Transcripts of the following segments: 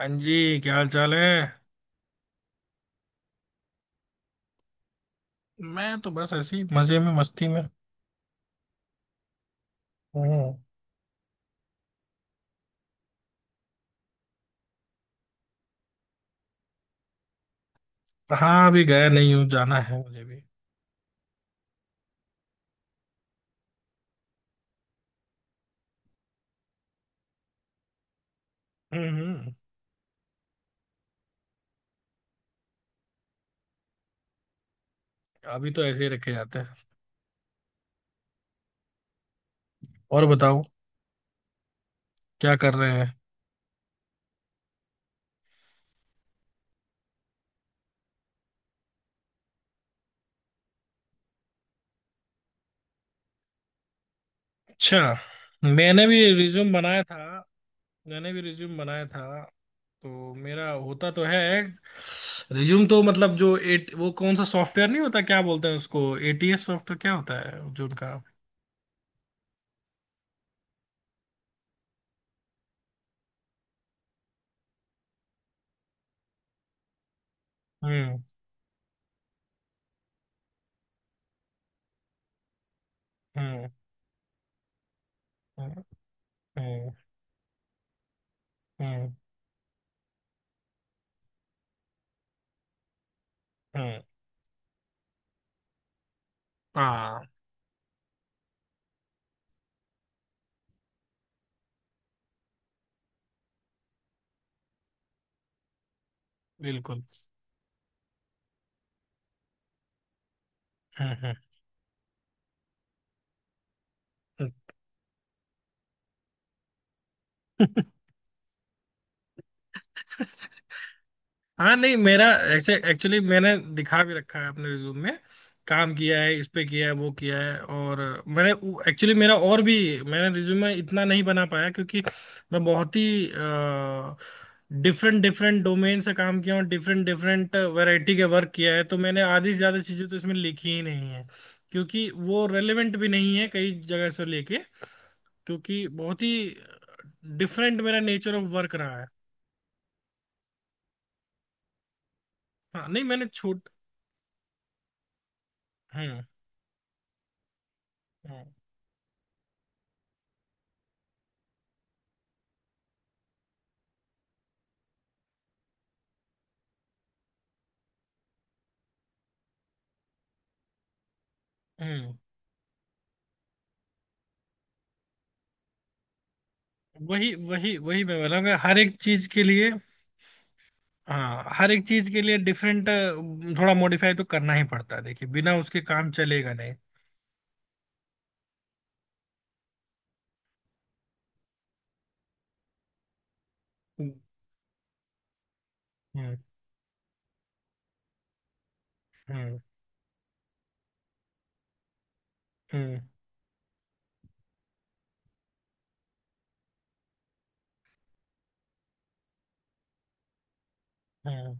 हाँ जी, क्या हाल चाल है। मैं तो बस ऐसे ही मजे में, मस्ती में हूँ। कहाँ, अभी गया नहीं हूँ। जाना है मुझे भी। हम्म। हम्म। अभी तो ऐसे ही रखे जाते हैं। और बताओ। क्या कर रहे हैं। अच्छा। मैंने भी रिज्यूम बनाया था। मैंने भी रिज्यूम बनाया था। तो मेरा होता तो है। रिज्यूम तो मतलब जो एट वो कौन सा सॉफ्टवेयर नहीं होता, क्या बोलते हैं उसको, एटीएस सॉफ्टवेयर, क्या होता है जो उनका। हम्म। हम्म। हम्म। हम्म। हम्म। हम्म। हाँ। बिल्कुल। हम्म। हम्म। हाँ, नहीं, मेरा एक्चुअली मैंने दिखा भी रखा है अपने रिज्यूम में। काम किया है, इस पे किया है, वो किया है। और मैंने एक्चुअली मेरा और भी, मैंने रिज्यूमे इतना नहीं बना पाया, क्योंकि मैं बहुत ही डिफरेंट डिफरेंट डोमेन से काम किया हूँ। डिफरेंट डिफरेंट वैरायटी के वर्क किया है। तो मैंने आधी से ज्यादा चीजें तो इसमें लिखी ही नहीं है, क्योंकि वो रेलेवेंट भी नहीं है कई जगह से लेके। क्योंकि बहुत ही डिफरेंट मेरा नेचर ऑफ वर्क रहा है। हाँ नहीं, मैंने छोट। हम्म। हम्म। हम्म। वही वही वही, मैं बोलूँगा हर एक चीज के लिए। हाँ, हर एक चीज के लिए डिफरेंट। थोड़ा मॉडिफाई तो करना ही पड़ता है, देखिए बिना उसके काम चलेगा नहीं। हम्म। हम्म। हम्म। हम्म। हम्म।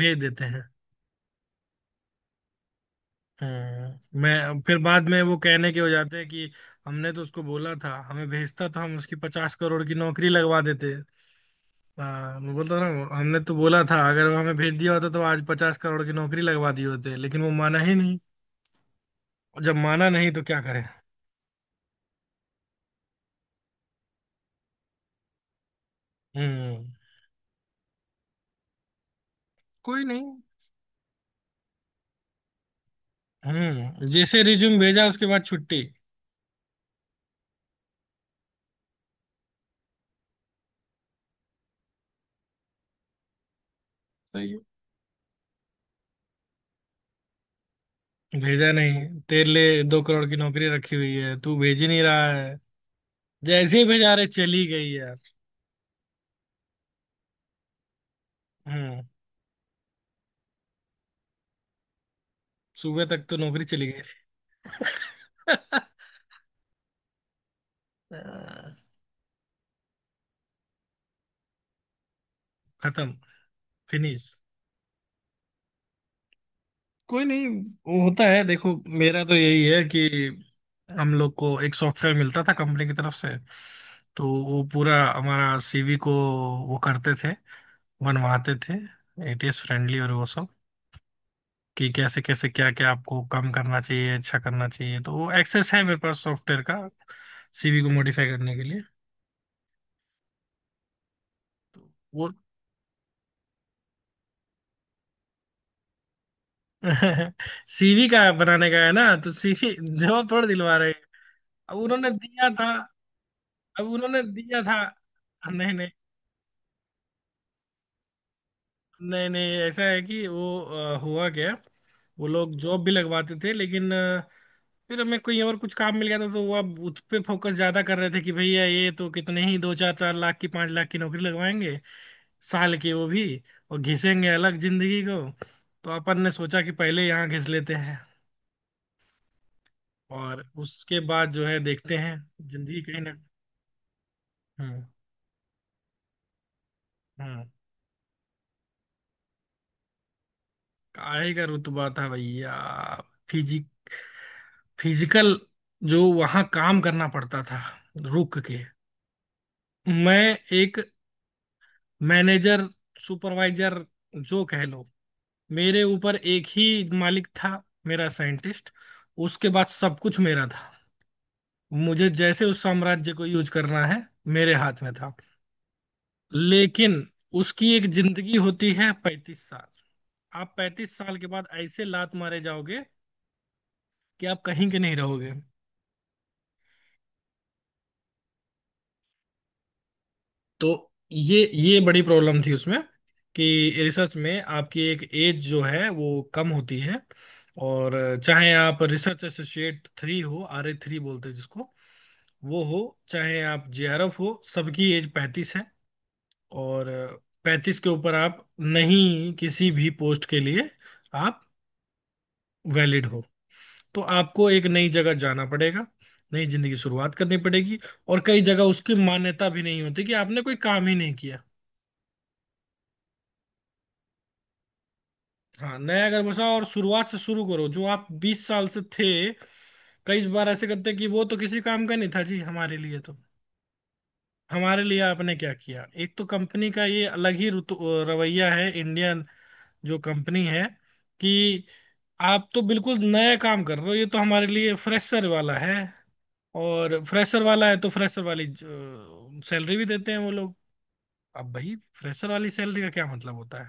भेज देते हैं। मैं फिर बाद में वो कहने के हो जाते हैं कि हमने तो उसको बोला था, हमें भेजता तो हम उसकी 50 करोड़ की नौकरी लगवा देते। हाँ, मैं बोलता ना। हमने तो बोला था, अगर वो हमें भेज दिया होता तो आज 50 करोड़ की नौकरी लगवा दी होते, लेकिन वो माना ही नहीं। जब माना नहीं, तो क्या करें। हम्म। कोई नहीं। जैसे रिज्यूम भेजा, उसके बाद छुट्टी। सही है। भेजा नहीं, तेरे लिए 2 करोड़ की नौकरी रखी हुई है, तू भेज ही नहीं रहा है। जैसे ही भेजा, रहे चली गई यार। हम्म। सुबह तक तो नौकरी चली गई। खत्म। फिनिश। कोई नहीं। वो होता है, देखो मेरा तो यही है कि हम लोग को एक सॉफ्टवेयर मिलता था कंपनी की तरफ से। तो वो पूरा हमारा सीवी को वो करते थे, बनवाते थे, एटीएस फ्रेंडली और वो सब। कि कैसे कैसे क्या क्या आपको कम करना चाहिए, अच्छा करना चाहिए। तो वो एक्सेस है मेरे पास सॉफ्टवेयर का, सीवी को मॉडिफाई करने के लिए। तो वो सीवी का बनाने का है ना, तो सीवी जवाब थोड़ा दिलवा रहे हैं। अब उन्होंने दिया था। अब उन्होंने दिया था। नहीं नहीं। नहीं नहीं, ऐसा है कि वो हुआ क्या। वो लोग जॉब भी लगवाते थे, लेकिन फिर हमें कोई और कुछ काम मिल गया था, तो वो अब उस पे फोकस ज्यादा कर रहे थे, कि भैया ये तो कितने ही दो चार चार लाख की, 5 लाख की नौकरी लगवाएंगे साल की वो भी। और घिसेंगे अलग जिंदगी को। तो अपन ने सोचा कि पहले यहाँ घिस लेते हैं और उसके बाद जो है देखते हैं। जिंदगी कहीं ना। हम्म। हम्म। काहे का रुतबा था भैया। फिजिक फिजिकल, जो वहां काम करना पड़ता था, रुक के। मैं एक मैनेजर, सुपरवाइजर, जो कह लो। मेरे ऊपर एक ही मालिक था, मेरा साइंटिस्ट। उसके बाद सब कुछ मेरा था। मुझे जैसे उस साम्राज्य को यूज करना है, मेरे हाथ में था। लेकिन उसकी एक जिंदगी होती है 35 साल। आप 35 साल के बाद ऐसे लात मारे जाओगे कि आप कहीं के नहीं रहोगे। तो ये बड़ी प्रॉब्लम थी उसमें, कि रिसर्च में आपकी एक एज जो है वो कम होती है। और चाहे आप रिसर्च एसोसिएट थ्री हो, आर ए थ्री बोलते हैं जिसको, वो हो, चाहे आप जेआरएफ हो, सबकी एज 35 है। और 35 के ऊपर आप नहीं किसी भी पोस्ट के लिए आप वैलिड हो। तो आपको एक नई जगह जाना पड़ेगा, नई जिंदगी की शुरुआत करनी पड़ेगी। और कई जगह उसकी मान्यता भी नहीं होती, कि आपने कोई काम ही नहीं किया। हाँ, नया घर बसाओ, और शुरुआत से शुरू करो जो आप 20 साल से थे। कई बार ऐसे करते हैं कि वो तो किसी काम का नहीं था जी हमारे लिए तो। हमारे लिए आपने क्या किया, एक तो कंपनी का ये अलग ही रवैया है इंडियन जो कंपनी है। कि आप तो बिल्कुल नया काम कर रहे हो, ये तो हमारे लिए फ्रेशर वाला है। और फ्रेशर वाला है तो फ्रेशर वाली सैलरी भी देते हैं वो लोग। अब भाई फ्रेशर वाली सैलरी का क्या मतलब होता है।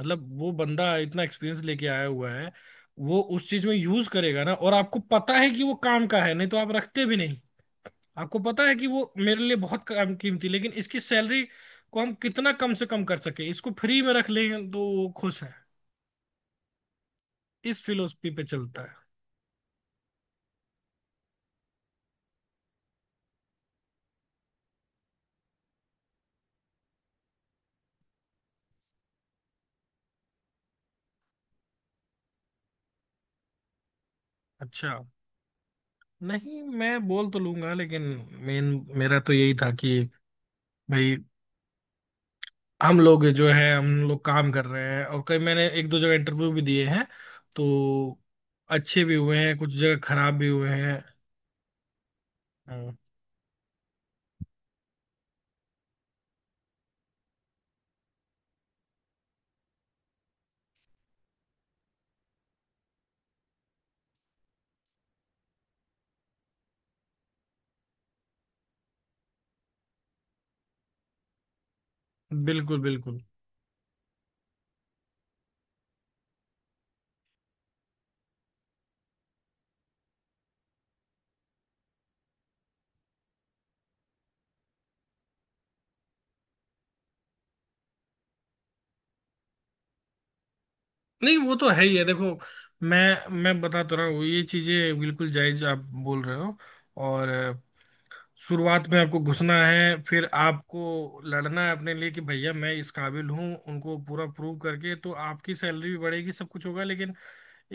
मतलब वो बंदा इतना एक्सपीरियंस लेके आया हुआ है, वो उस चीज में यूज करेगा ना, और आपको पता है कि वो काम का है नहीं तो आप रखते भी नहीं। आपको पता है कि वो मेरे लिए बहुत काम कीमती, लेकिन इसकी सैलरी को हम कितना कम से कम कर सके, इसको फ्री में रख लें तो वो खुश है। इस फिलोसफी पे चलता है। अच्छा, नहीं मैं बोल तो लूंगा, लेकिन मेन मेरा तो यही था कि भाई हम लोग जो है, हम लोग काम कर रहे हैं। और कई मैंने एक दो जगह इंटरव्यू भी दिए हैं, तो अच्छे भी हुए हैं, कुछ जगह खराब भी हुए हैं। हम्म। बिल्कुल बिल्कुल। नहीं वो तो है ही है, देखो मैं बता तो रहा हूँ, ये चीजें बिल्कुल जायज आप बोल रहे हो। और शुरुआत में आपको घुसना है, फिर आपको लड़ना है अपने लिए कि भैया मैं इस काबिल हूँ, उनको पूरा प्रूव करके तो आपकी सैलरी भी बढ़ेगी, सब कुछ होगा। लेकिन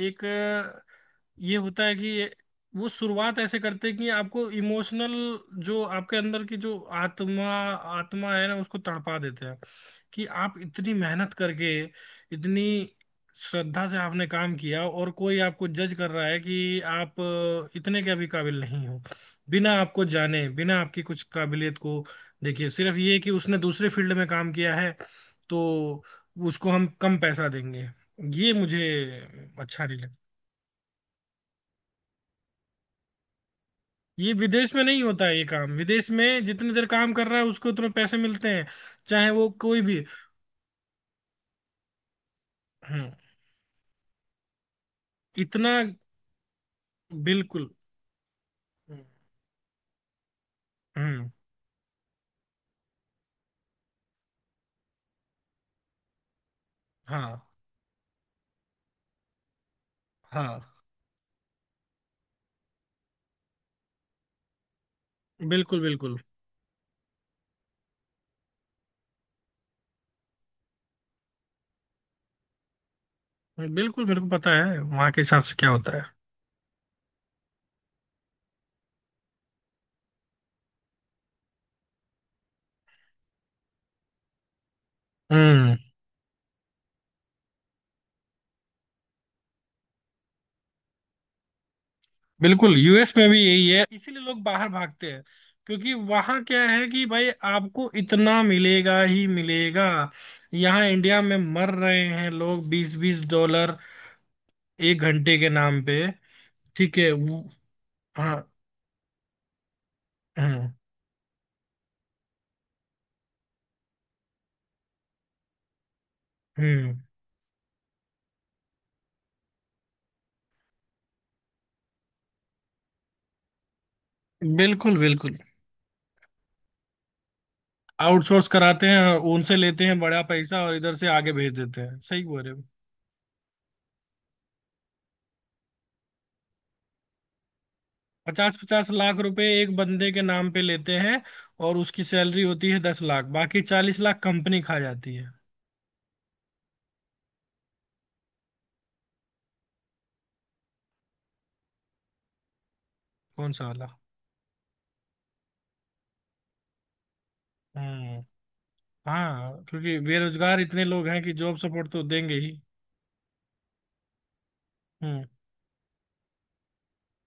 एक ये होता है कि वो शुरुआत ऐसे करते हैं कि आपको इमोशनल, जो आपके अंदर की जो आत्मा आत्मा है ना, उसको तड़पा देते हैं, कि आप इतनी मेहनत करके, इतनी श्रद्धा से आपने काम किया, और कोई आपको जज कर रहा है कि आप इतने के भी काबिल नहीं हो, बिना आपको जाने, बिना आपकी कुछ काबिलियत को देखिए, सिर्फ ये कि उसने दूसरे फील्ड में काम किया है, तो उसको हम कम पैसा देंगे, ये मुझे अच्छा नहीं लगता। ये विदेश में नहीं होता है, ये काम विदेश में जितनी देर काम कर रहा है उसको उतने पैसे मिलते हैं, चाहे वो कोई भी। हम्म। इतना। बिल्कुल। हम्म। हाँ। हाँ। बिल्कुल बिल्कुल। बिल्कुल, मेरे को पता है वहां के हिसाब से क्या होता है। हम्म। बिल्कुल, यूएस में भी यही है, इसीलिए लोग बाहर भागते हैं, क्योंकि वहां क्या है कि भाई आपको इतना मिलेगा ही मिलेगा। यहाँ इंडिया में मर रहे हैं लोग 20-20 डॉलर 1 घंटे के नाम पे। ठीक है, वो। हाँ। हम्म। हम्म। बिल्कुल बिल्कुल। आउटसोर्स कराते हैं, उनसे लेते हैं बड़ा पैसा और इधर से आगे भेज देते हैं, सही बोल रहे हो। 50-50 लाख रुपए एक बंदे के नाम पे लेते हैं। और उसकी सैलरी होती है 10 लाख, बाकी 40 लाख कंपनी खा जाती है। कौन सा वाला। हम्म। हाँ, क्योंकि बेरोजगार इतने लोग हैं कि जॉब सपोर्ट तो देंगे ही। हम्म।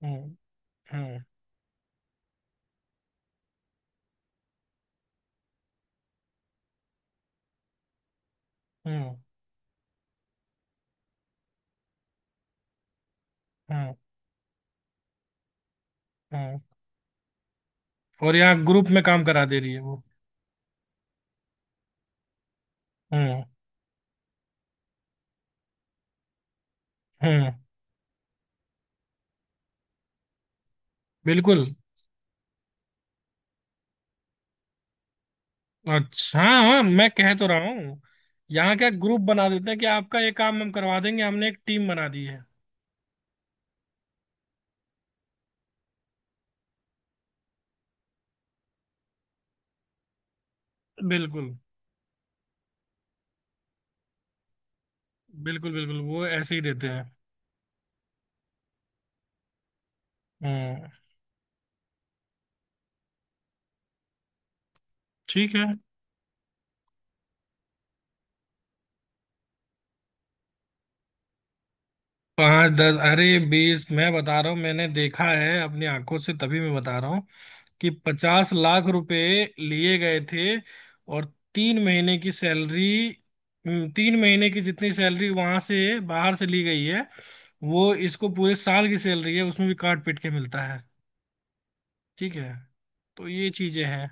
हम्म। हम्म। हम्म। हम्म। हम्म। और यहाँ ग्रुप में काम करा दे रही है वो। हम्म। हम्म। बिल्कुल। अच्छा, हाँ हाँ, मैं कह तो रहा हूँ। यहाँ क्या ग्रुप बना देते हैं कि आपका ये काम हम करवा देंगे, हमने एक टीम बना दी है। बिल्कुल बिल्कुल। बिल्कुल वो ऐसे ही देते हैं। हम्म। ठीक है। पाँच दस, अरे बीस, मैं बता रहा हूँ, मैंने देखा है अपनी आंखों से, तभी मैं बता रहा कि 50 लाख रुपए लिए गए थे, और 3 महीने की सैलरी। 3 महीने की जितनी सैलरी वहां से बाहर से ली गई है, वो इसको पूरे साल की सैलरी है, उसमें भी काट पीट के मिलता है। ठीक है, तो ये चीजें हैं।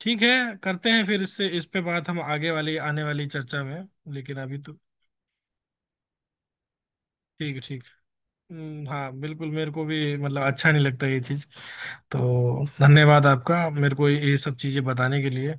ठीक है, करते हैं फिर इससे, इस पे बात हम आगे वाली आने वाली चर्चा में, लेकिन अभी तो ठीक है, ठीक। हाँ बिल्कुल, मेरे को भी मतलब अच्छा नहीं लगता ये चीज। तो धन्यवाद आपका, मेरे को ये सब चीजें बताने के लिए।